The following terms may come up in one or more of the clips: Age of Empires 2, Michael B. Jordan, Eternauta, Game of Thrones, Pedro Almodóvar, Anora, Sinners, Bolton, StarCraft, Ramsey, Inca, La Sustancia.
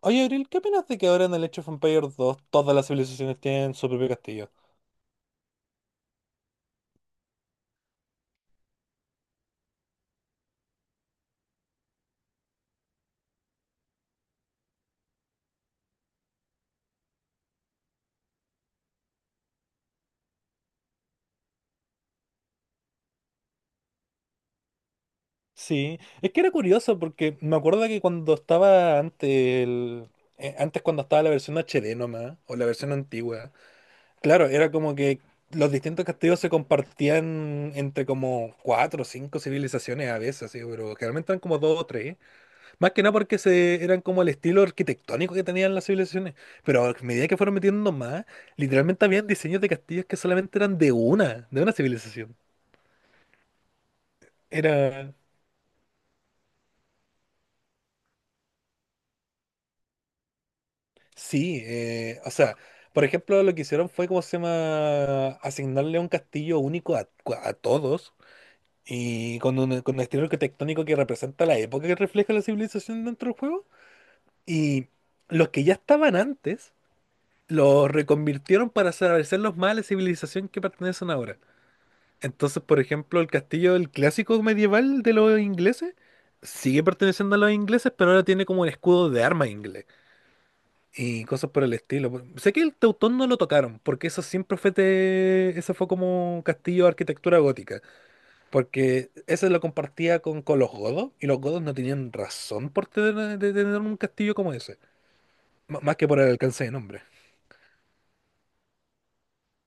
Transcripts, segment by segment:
Oye, Abril, ¿qué opinas de que ahora en el Age of Empires 2 todas las civilizaciones tienen su propio castillo? Sí, es que era curioso porque me acuerdo que cuando estaba antes cuando estaba la versión HD nomás, o la versión antigua, claro, era como que los distintos castillos se compartían entre como cuatro o cinco civilizaciones a veces, así, pero generalmente eran como dos o tres. Más que nada porque eran como el estilo arquitectónico que tenían las civilizaciones. Pero a medida que fueron metiendo más, literalmente habían diseños de castillos que solamente eran de una civilización. Era. Sí, o sea, por ejemplo, lo que hicieron fue, ¿cómo se llama? Asignarle un castillo único a todos y con un estilo arquitectónico que representa la época que refleja la civilización dentro del juego. Y los que ya estaban antes, los reconvirtieron para hacerlos más a la civilización que pertenecen ahora. Entonces, por ejemplo, el castillo, el clásico medieval de los ingleses, sigue perteneciendo a los ingleses, pero ahora tiene como un escudo de arma inglés y cosas por el estilo. Sé que el Teutón no lo tocaron, porque eso siempre fue eso fue como castillo de arquitectura gótica, porque ese lo compartía con los godos y los godos no tenían razón de tener un castillo como ese, más que por el alcance de nombre.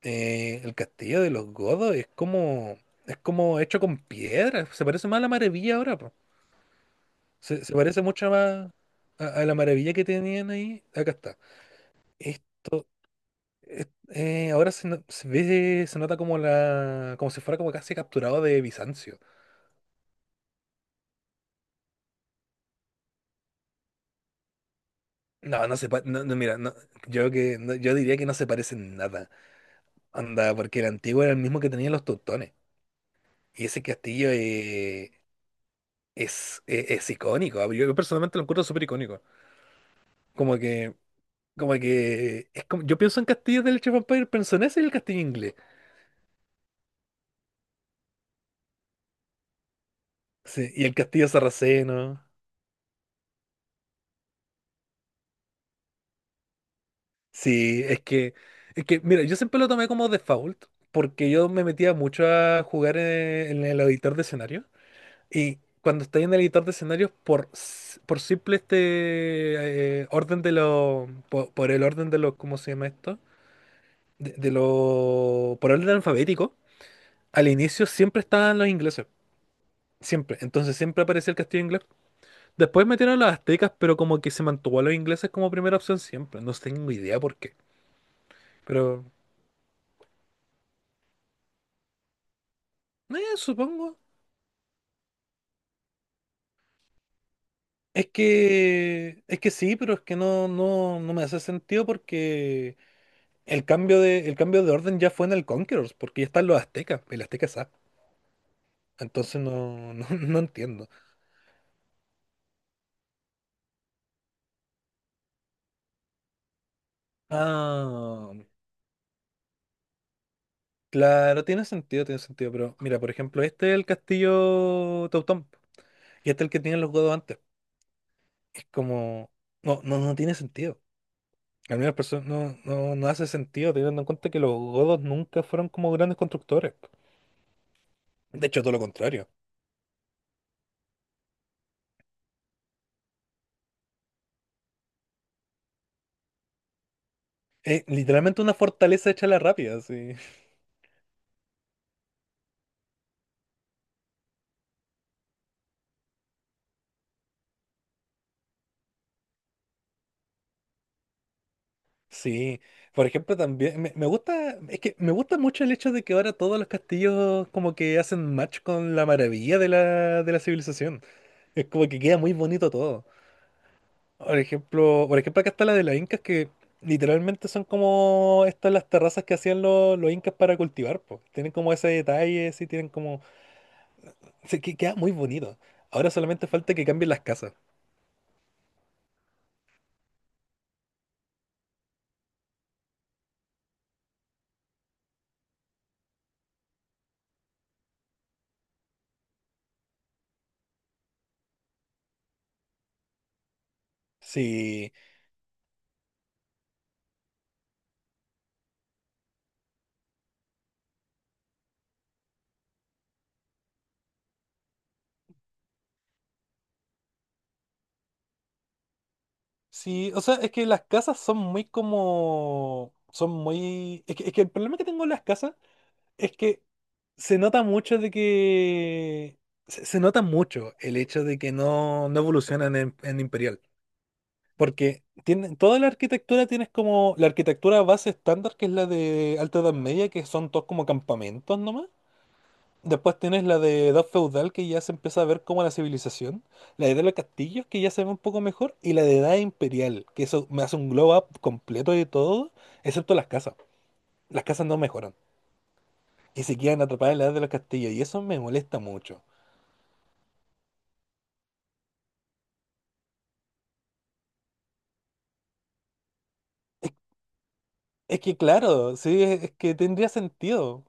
El castillo de los godos es como hecho con piedra, se parece más a la maravilla ahora. Se parece mucho más a la maravilla que tenían ahí. Acá está. Esto, es- ahora se, no- se ve, se nota como como si fuera como casi capturado de Bizancio. No, no, no, mira, no, yo diría que no se parece en nada. Anda, porque el antiguo era el mismo que tenían los teutones. Y ese castillo es icónico. Yo personalmente lo encuentro súper icónico. Como que, como que yo pienso en castillos del Age of Empires, pienso en ese y el castillo inglés. Sí, y el castillo sarraceno. Sí, es que, mira, yo siempre lo tomé como default, porque yo me metía mucho a jugar en el editor de escenarios, y cuando estoy en el editor de escenarios, por simple orden de los, po- por, el orden de los, ¿cómo se llama esto? Por orden alfabético, al inicio siempre estaban los ingleses, siempre, entonces siempre aparecía el castillo inglés. Después metieron a los aztecas, pero como que se mantuvo a los ingleses como primera opción siempre, no tengo idea por qué, pero, supongo. Es que sí, pero es que no, no, no me hace sentido porque el cambio de orden ya fue en el Conquerors, porque ya están los aztecas, el azteca es A. Entonces no, no, no entiendo. Ah, claro, tiene sentido, pero mira, por ejemplo, este es el castillo Teutón y este es el que tienen los godos antes. Es como, no, no, no tiene sentido. Al menos no, no, no hace sentido teniendo en cuenta que los godos nunca fueron como grandes constructores. De hecho, todo lo contrario. Literalmente una fortaleza hecha a la rápida, sí. Sí. Por ejemplo, también me gusta, es que me gusta mucho el hecho de que ahora todos los castillos como que hacen match con la maravilla de la civilización. Es como que queda muy bonito todo. Por ejemplo, acá está la de las incas que literalmente son como estas las terrazas que hacían los incas para cultivar, pues. Tienen como ese detalle, sí, Se que queda muy bonito. Ahora solamente falta que cambien las casas. Sí. Sí, o sea, es que las casas son muy. Es que el problema que tengo en las casas es que se nota mucho de que. Se nota mucho el hecho de que no evolucionan en Imperial. Porque toda la arquitectura la arquitectura base estándar, que es la de Alta Edad Media, que son todos como campamentos nomás. Después tienes la de Edad Feudal, que ya se empieza a ver como la civilización. La de edad de los Castillos, que ya se ve un poco mejor. Y la de Edad Imperial, que eso me hace un glow up completo de todo, excepto las casas. Las casas no mejoran. Y se quedan atrapadas en la Edad de los Castillos. Y eso me molesta mucho. Es, es que, claro, sí, es que tendría sentido.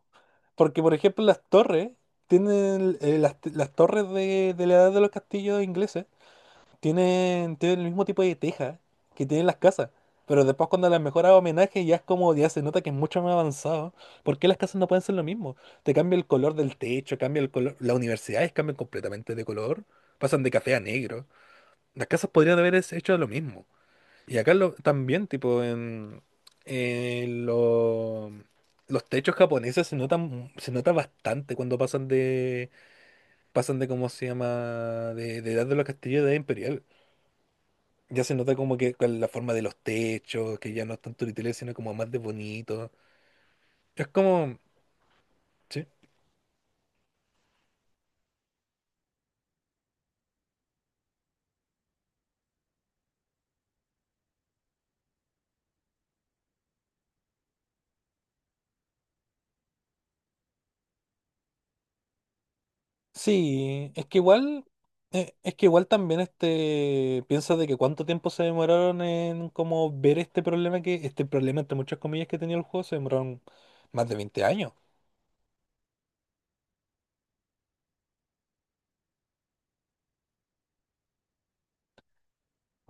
Porque, por ejemplo, las torres, tienen las torres de la Edad de los Castillos ingleses. Tienen el mismo tipo de teja que tienen las casas. Pero después cuando las mejoras homenaje ya es como, ya se nota que es mucho más avanzado. ¿Por qué las casas no pueden ser lo mismo? Te cambia el color del techo, cambia el color. Las universidades cambian completamente de color. Pasan de café a negro. Las casas podrían haber hecho lo mismo. Y acá también, tipo, en lo- los techos japoneses se nota bastante cuando pasan de, ¿cómo se llama? De edad de los castillos de edad imperial. Ya se nota como que con la forma de los techos, que ya no es tanto literal, sino como más de bonito. Es como, sí. Sí, es que igual también este piensa de que cuánto tiempo se demoraron en como ver este problema entre muchas comillas que tenía el juego, se demoraron más de 20 años.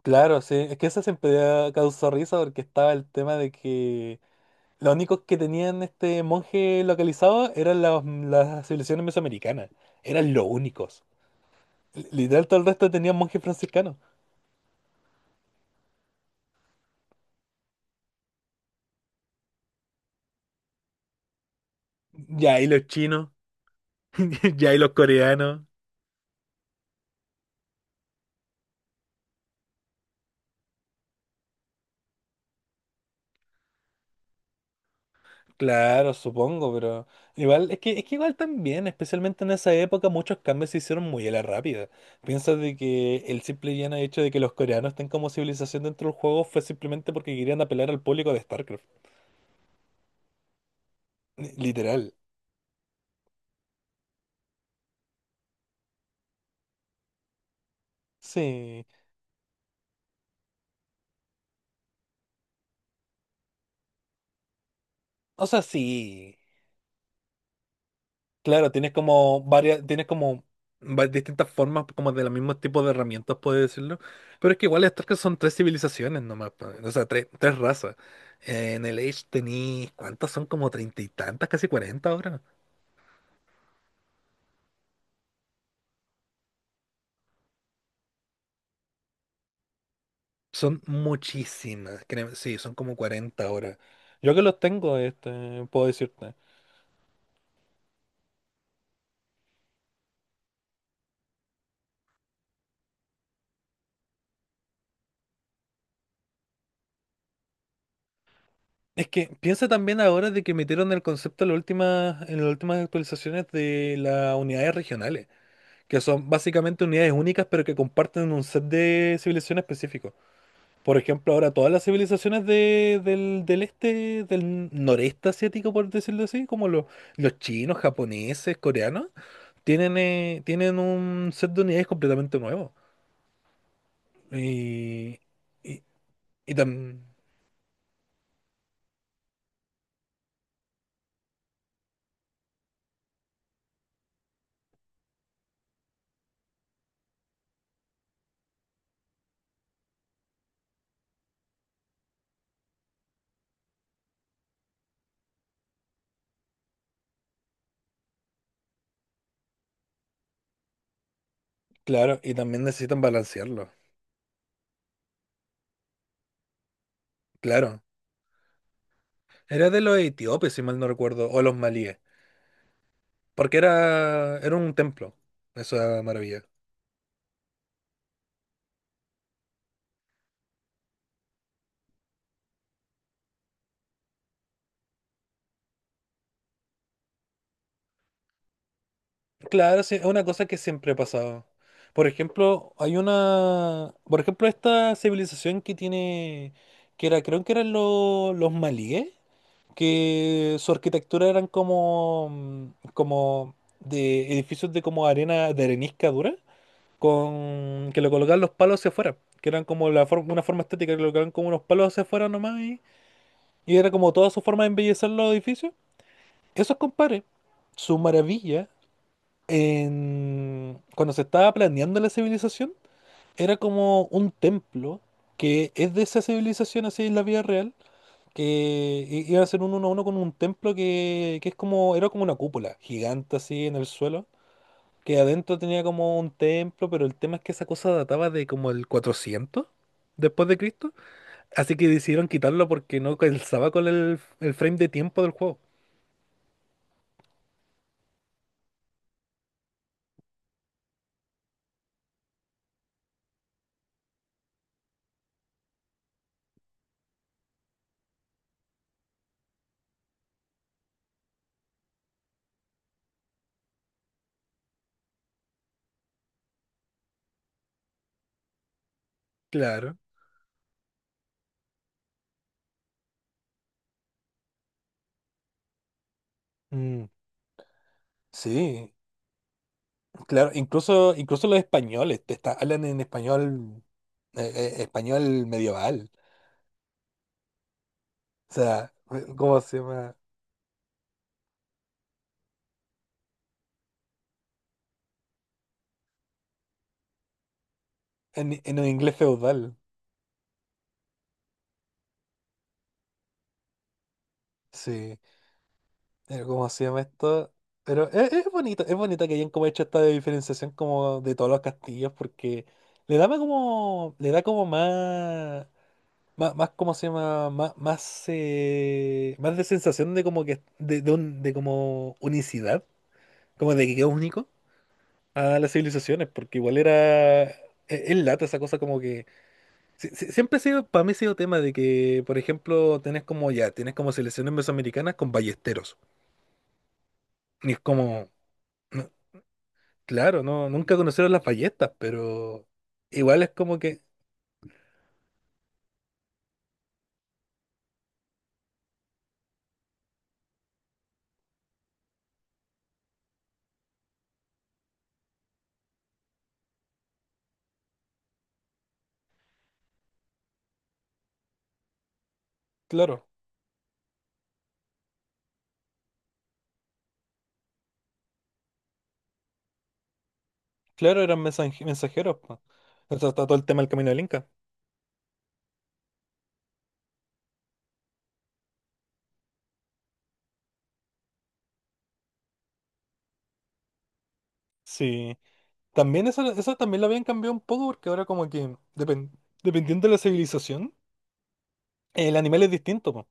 Claro, sí, es que eso siempre causó risa porque estaba el tema de que los únicos que tenían este monje localizado eran las civilizaciones mesoamericanas, eran los únicos. Literal, todo el resto tenían monjes franciscanos. Ya, y los chinos, ya, y los coreanos. Claro, supongo, pero igual, es que igual también, especialmente en esa época, muchos cambios se hicieron muy a la rápida. Piensa de que el simple y llano hecho de que los coreanos estén como civilización dentro del juego fue simplemente porque querían apelar al público de StarCraft. Literal. Sí. O sea, sí. Claro, tienes como varias, distintas formas como de los mismos tipos de herramientas, puedes decirlo. Pero es que igual estas que son tres civilizaciones nomás, pa, o sea, tres, razas. En el Age tenéis, ¿cuántas son? Como 30 y tantas, casi 40 ahora. Son muchísimas, créeme, sí, son como 40 ahora. Yo que los tengo, este, puedo decirte. Es que piensa también ahora de que metieron el concepto en las últimas actualizaciones de las unidades regionales, que son básicamente unidades únicas, pero que comparten un set de civilizaciones específicos. Por ejemplo, ahora todas las civilizaciones del este, del noreste asiático, por decirlo así, como los chinos, japoneses, coreanos, tienen un set de unidades completamente nuevo. Y, y, y tam- claro, y también necesitan balancearlo. Claro. Era de los etíopes, si mal no recuerdo, o los malíes, porque era un templo, esa maravilla. Claro, sí, es una cosa que siempre ha pasado. Por ejemplo, hay una, por ejemplo, esta civilización que era, creo que eran los malíes, que su arquitectura eran como de edificios de como arena, de arenisca dura, con que le colocaban los palos hacia afuera, que eran como una forma estética, que le colocaban como unos palos hacia afuera nomás y era como toda su forma de embellecer los edificios. Esos compadres, su maravilla cuando se estaba planeando la civilización, era como un templo que es de esa civilización así en la vida real, que iba a ser un uno a uno con un templo que era como una cúpula gigante así en el suelo, que adentro tenía como un templo, pero el tema es que esa cosa databa de como el 400 después de Cristo, así que decidieron quitarlo porque no calzaba con el frame de tiempo del juego. Claro. Mm, sí. Claro, incluso los españoles te hablan en español, eh, español medieval. O sea, ¿cómo se llama? En un inglés feudal. Sí, pero ¿cómo se llama esto? Pero es bonito que hayan como hecho esta diferenciación como de todos los castillos porque le da como más, más, más ¿cómo se llama? Más, más, más de sensación de como que, de un- de como unicidad, como de que es único, a las civilizaciones, porque igual era... e- Es lata esa cosa como que. Siempre ha sido, para mí ha sido tema de que, por ejemplo, tenés como ya, tienes como selecciones mesoamericanas con ballesteros. Y es como, no, claro, no, nunca conocieron las ballestas, pero igual es como que, claro, claro, eran mensajeros. Po. O sea, está todo el tema del camino del Inca. Sí. También eso también lo habían cambiado un poco porque ahora como que, depen- dependiendo de la civilización, el animal es distinto.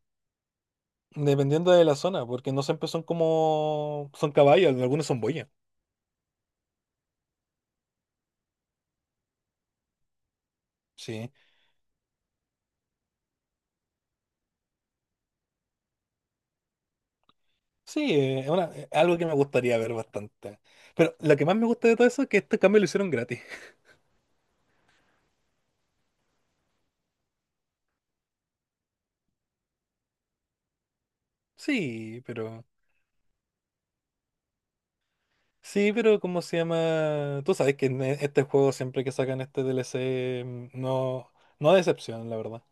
Dependiendo de la zona, porque no siempre son como... Son caballos, algunos son boyas. Sí. Sí, es una- es algo que me gustaría ver bastante. Pero lo que más me gusta de todo eso es que este cambio lo hicieron gratis. Sí, pero... Sí, pero ¿cómo se llama? Tú sabes que en este juego siempre que sacan este DLC mm, no, no decepcionan, la verdad.